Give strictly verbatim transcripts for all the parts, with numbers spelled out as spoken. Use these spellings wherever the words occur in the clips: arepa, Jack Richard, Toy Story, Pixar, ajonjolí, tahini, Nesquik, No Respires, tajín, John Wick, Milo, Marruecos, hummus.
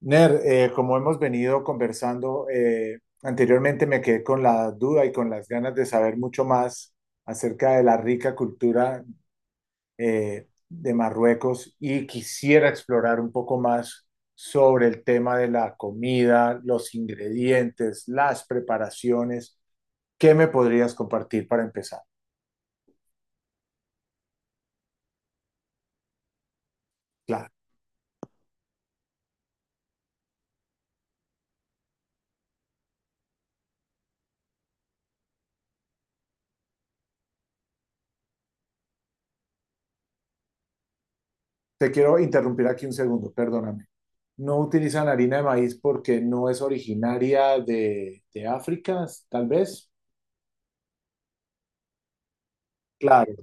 Ner, eh, como hemos venido conversando eh, anteriormente, me quedé con la duda y con las ganas de saber mucho más acerca de la rica cultura eh, de Marruecos y quisiera explorar un poco más sobre el tema de la comida, los ingredientes, las preparaciones. ¿Qué me podrías compartir para empezar? Claro, te quiero interrumpir aquí un segundo, perdóname. No utilizan harina de maíz porque no es originaria de, de África, tal vez. Claro.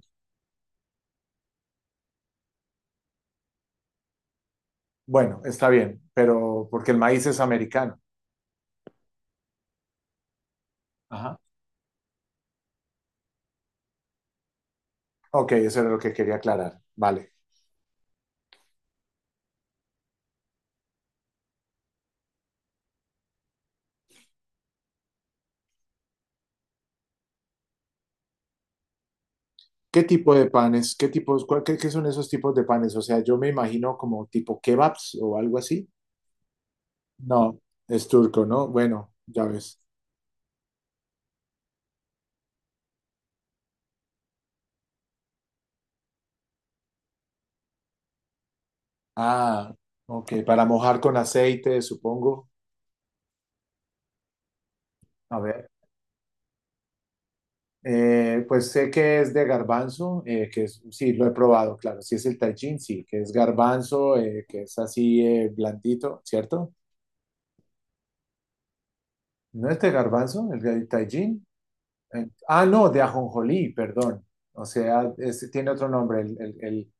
Bueno, está bien, pero porque el maíz es americano. Ajá. Ok, eso era lo que quería aclarar. Vale. ¿Qué tipo de panes? ¿Qué tipos? Cuál- ¿qué, qué son esos tipos de panes? O sea, yo me imagino como tipo kebabs o algo así. No, es turco, ¿no? Bueno, ya ves. Ah, ok, para mojar con aceite, supongo. A ver. Eh, pues sé que es de garbanzo, eh, que es, sí, lo he probado, claro, sí es el tajín, sí, que es garbanzo, eh, que es así eh, blandito, ¿cierto? ¿No es de garbanzo, el del tajín? Eh, ah, no, de ajonjolí, perdón. O sea, es- tiene otro nombre, el, el, el,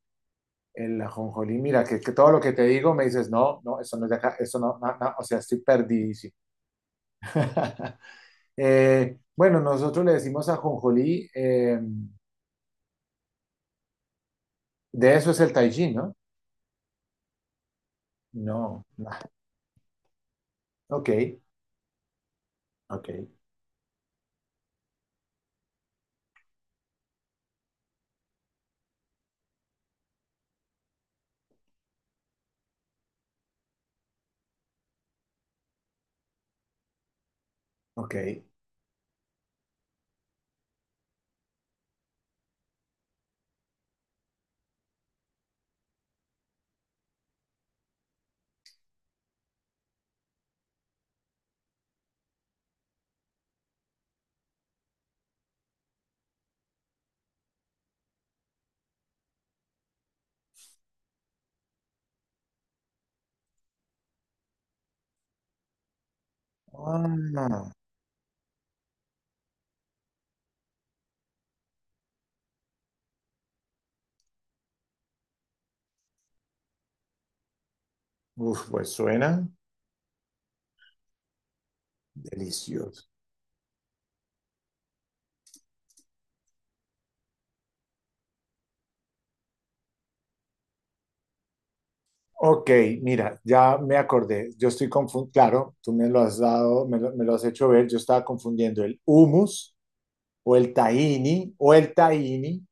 el ajonjolí. Mira, que, que todo lo que te digo me dices, no, no, eso no es de acá, eso no, no, no", o sea, estoy perdidísimo. Eh, bueno, nosotros le decimos ajonjolí, eh, de eso es el tajín, ¿no? No, no. Ok. Ok, ok. Ah, uf, pues suena delicioso. Ok, mira, ya me acordé. Yo estoy confundiendo, claro, tú me lo has dado, me lo, me lo has hecho ver. Yo estaba confundiendo el hummus o el tahini o el tahini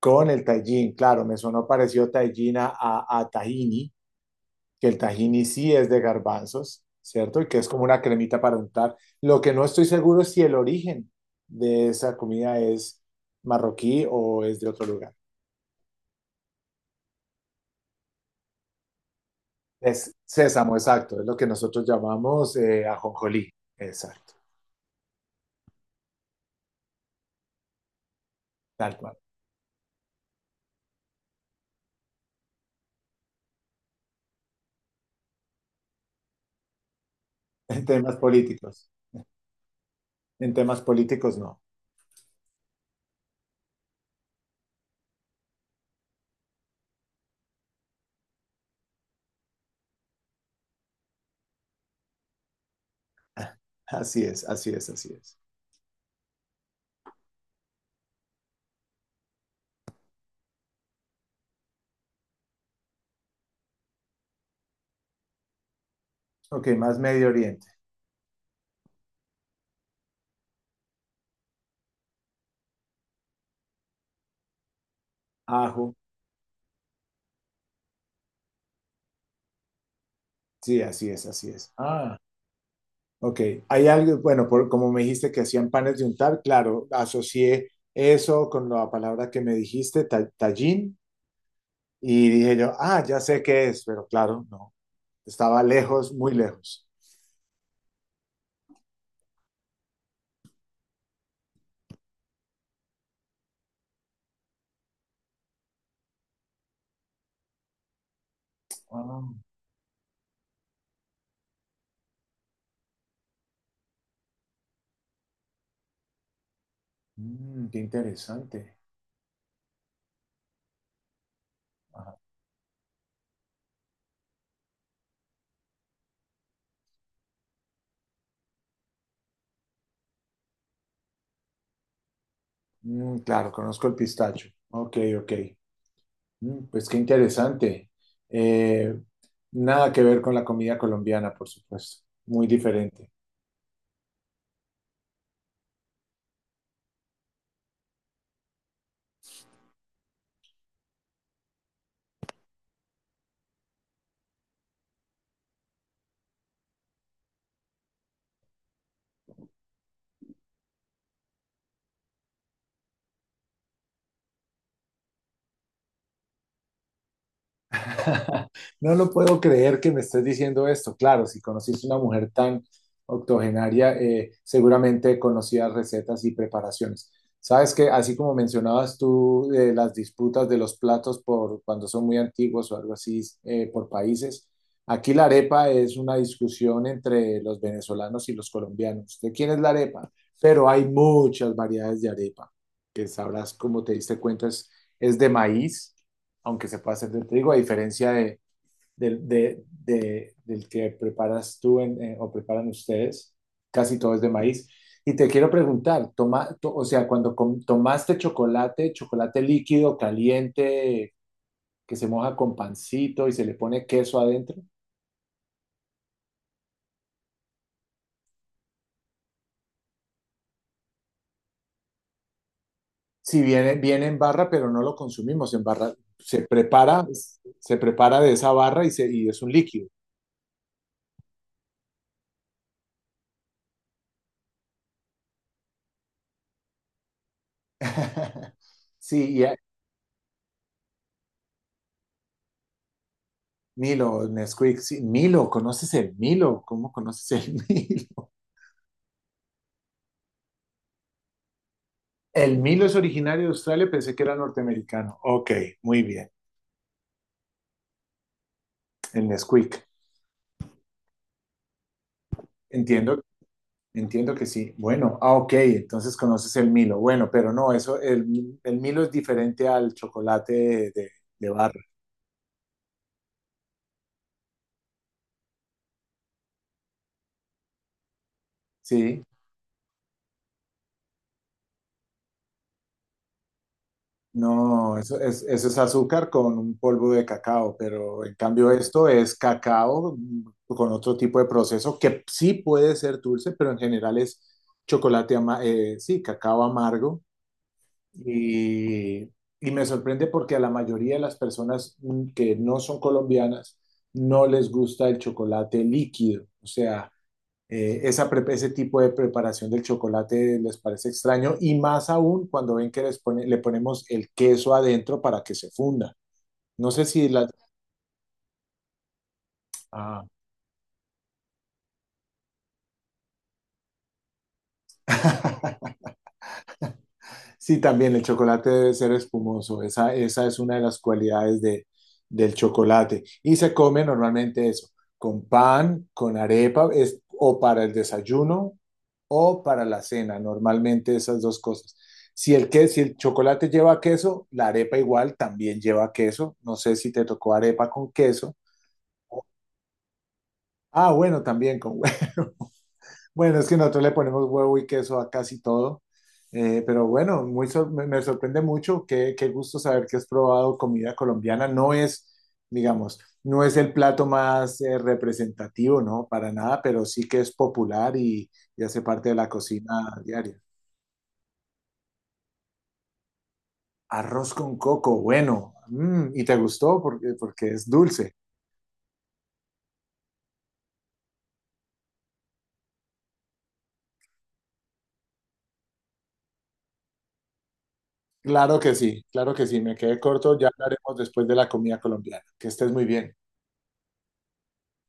con el tajín. Claro, me sonó parecido tajín a, a, a tahini, que el tahini sí es de garbanzos, ¿cierto? Y que es como una cremita para untar. Lo que no estoy seguro es si el origen de esa comida es marroquí o es de otro lugar. Es sésamo, exacto, es lo que nosotros llamamos eh, ajonjolí, exacto, tal cual. En temas políticos, en temas políticos no. Así es, así es, así es. Ok, más Medio Oriente. Ajo, sí, así es, así es. Ah, ok. Hay algo, bueno, por, como me dijiste que hacían panes de untar, claro, asocié eso con la palabra que me dijiste, ta- tallín, y dije yo, ah, ya sé qué es, pero claro, no, estaba lejos, muy lejos. Ah, mm, qué interesante. Mm, claro, conozco el pistacho. Ok, ok. Mm, pues qué interesante. Eh, Nada que ver con la comida colombiana, por supuesto. Muy diferente. No lo puedo creer que me estés diciendo esto. Claro, si conociste una mujer tan octogenaria, eh, seguramente conocías recetas y preparaciones. Sabes que así como mencionabas tú eh, las disputas de los platos por cuando son muy antiguos o algo así eh, por países, aquí la arepa es una discusión entre los venezolanos y los colombianos. ¿De quién es la arepa? Pero hay muchas variedades de arepa, que sabrás como te diste cuenta es, es de maíz aunque se pueda hacer de trigo, a diferencia de, del, de, de, del que preparas tú en, eh, o preparan ustedes, casi todo es de maíz. Y te quiero preguntar, toma, to- o sea, cuando com- tomaste chocolate, chocolate líquido, caliente, que se moja con pancito y se le pone queso adentro, si viene, viene en barra, pero no lo consumimos en barra, se prepara, se prepara de esa barra y, se, y es un líquido. Sí, y, Milo, Nesquik, sí, Milo, ¿conoces el Milo? ¿Cómo conoces el Milo? El Milo es originario de Australia, pensé que era norteamericano. Ok, muy bien, el Nesquik. Entiendo, entiendo que sí. Bueno, ah, ok, entonces conoces el Milo. Bueno, pero no, eso, el, el Milo es diferente al chocolate de, de, de barra, ¿sí? No, eso es, eso es azúcar con un polvo de cacao, pero en cambio esto es cacao mm, con otro tipo de proceso que sí puede ser dulce, pero en general es chocolate, ama- eh, sí, cacao amargo. Y, y me sorprende porque a la mayoría de las personas mm, que no son colombianas no les gusta el chocolate líquido. O sea, eh, esa pre- ese tipo de preparación del chocolate les parece extraño y más aún cuando ven que les pone- le ponemos el queso adentro para que se funda. No sé si la... Ah. Sí, también el chocolate debe ser espumoso. Esa, esa es una de las cualidades de, del chocolate. Y se come normalmente eso, con pan, con arepa, es, o para el desayuno o para la cena, normalmente esas dos cosas. Si el, que, si el chocolate lleva queso, la arepa igual también lleva queso. No sé si te tocó arepa con queso. Ah, bueno, también con huevo. Bueno, es que nosotros le ponemos huevo y queso a casi todo. Eh, pero bueno, muy sor- me me sorprende mucho. Qué, qué gusto saber que has probado comida colombiana. No es, digamos, no es el plato más eh, representativo, ¿no? Para nada, pero sí que es popular y, y hace parte de la cocina diaria. Arroz con coco, bueno. Mm, ¿y te gustó? Porque, porque es dulce. Claro que sí, claro que sí. Me quedé corto. Ya hablaremos después de la comida colombiana. Que estés muy bien.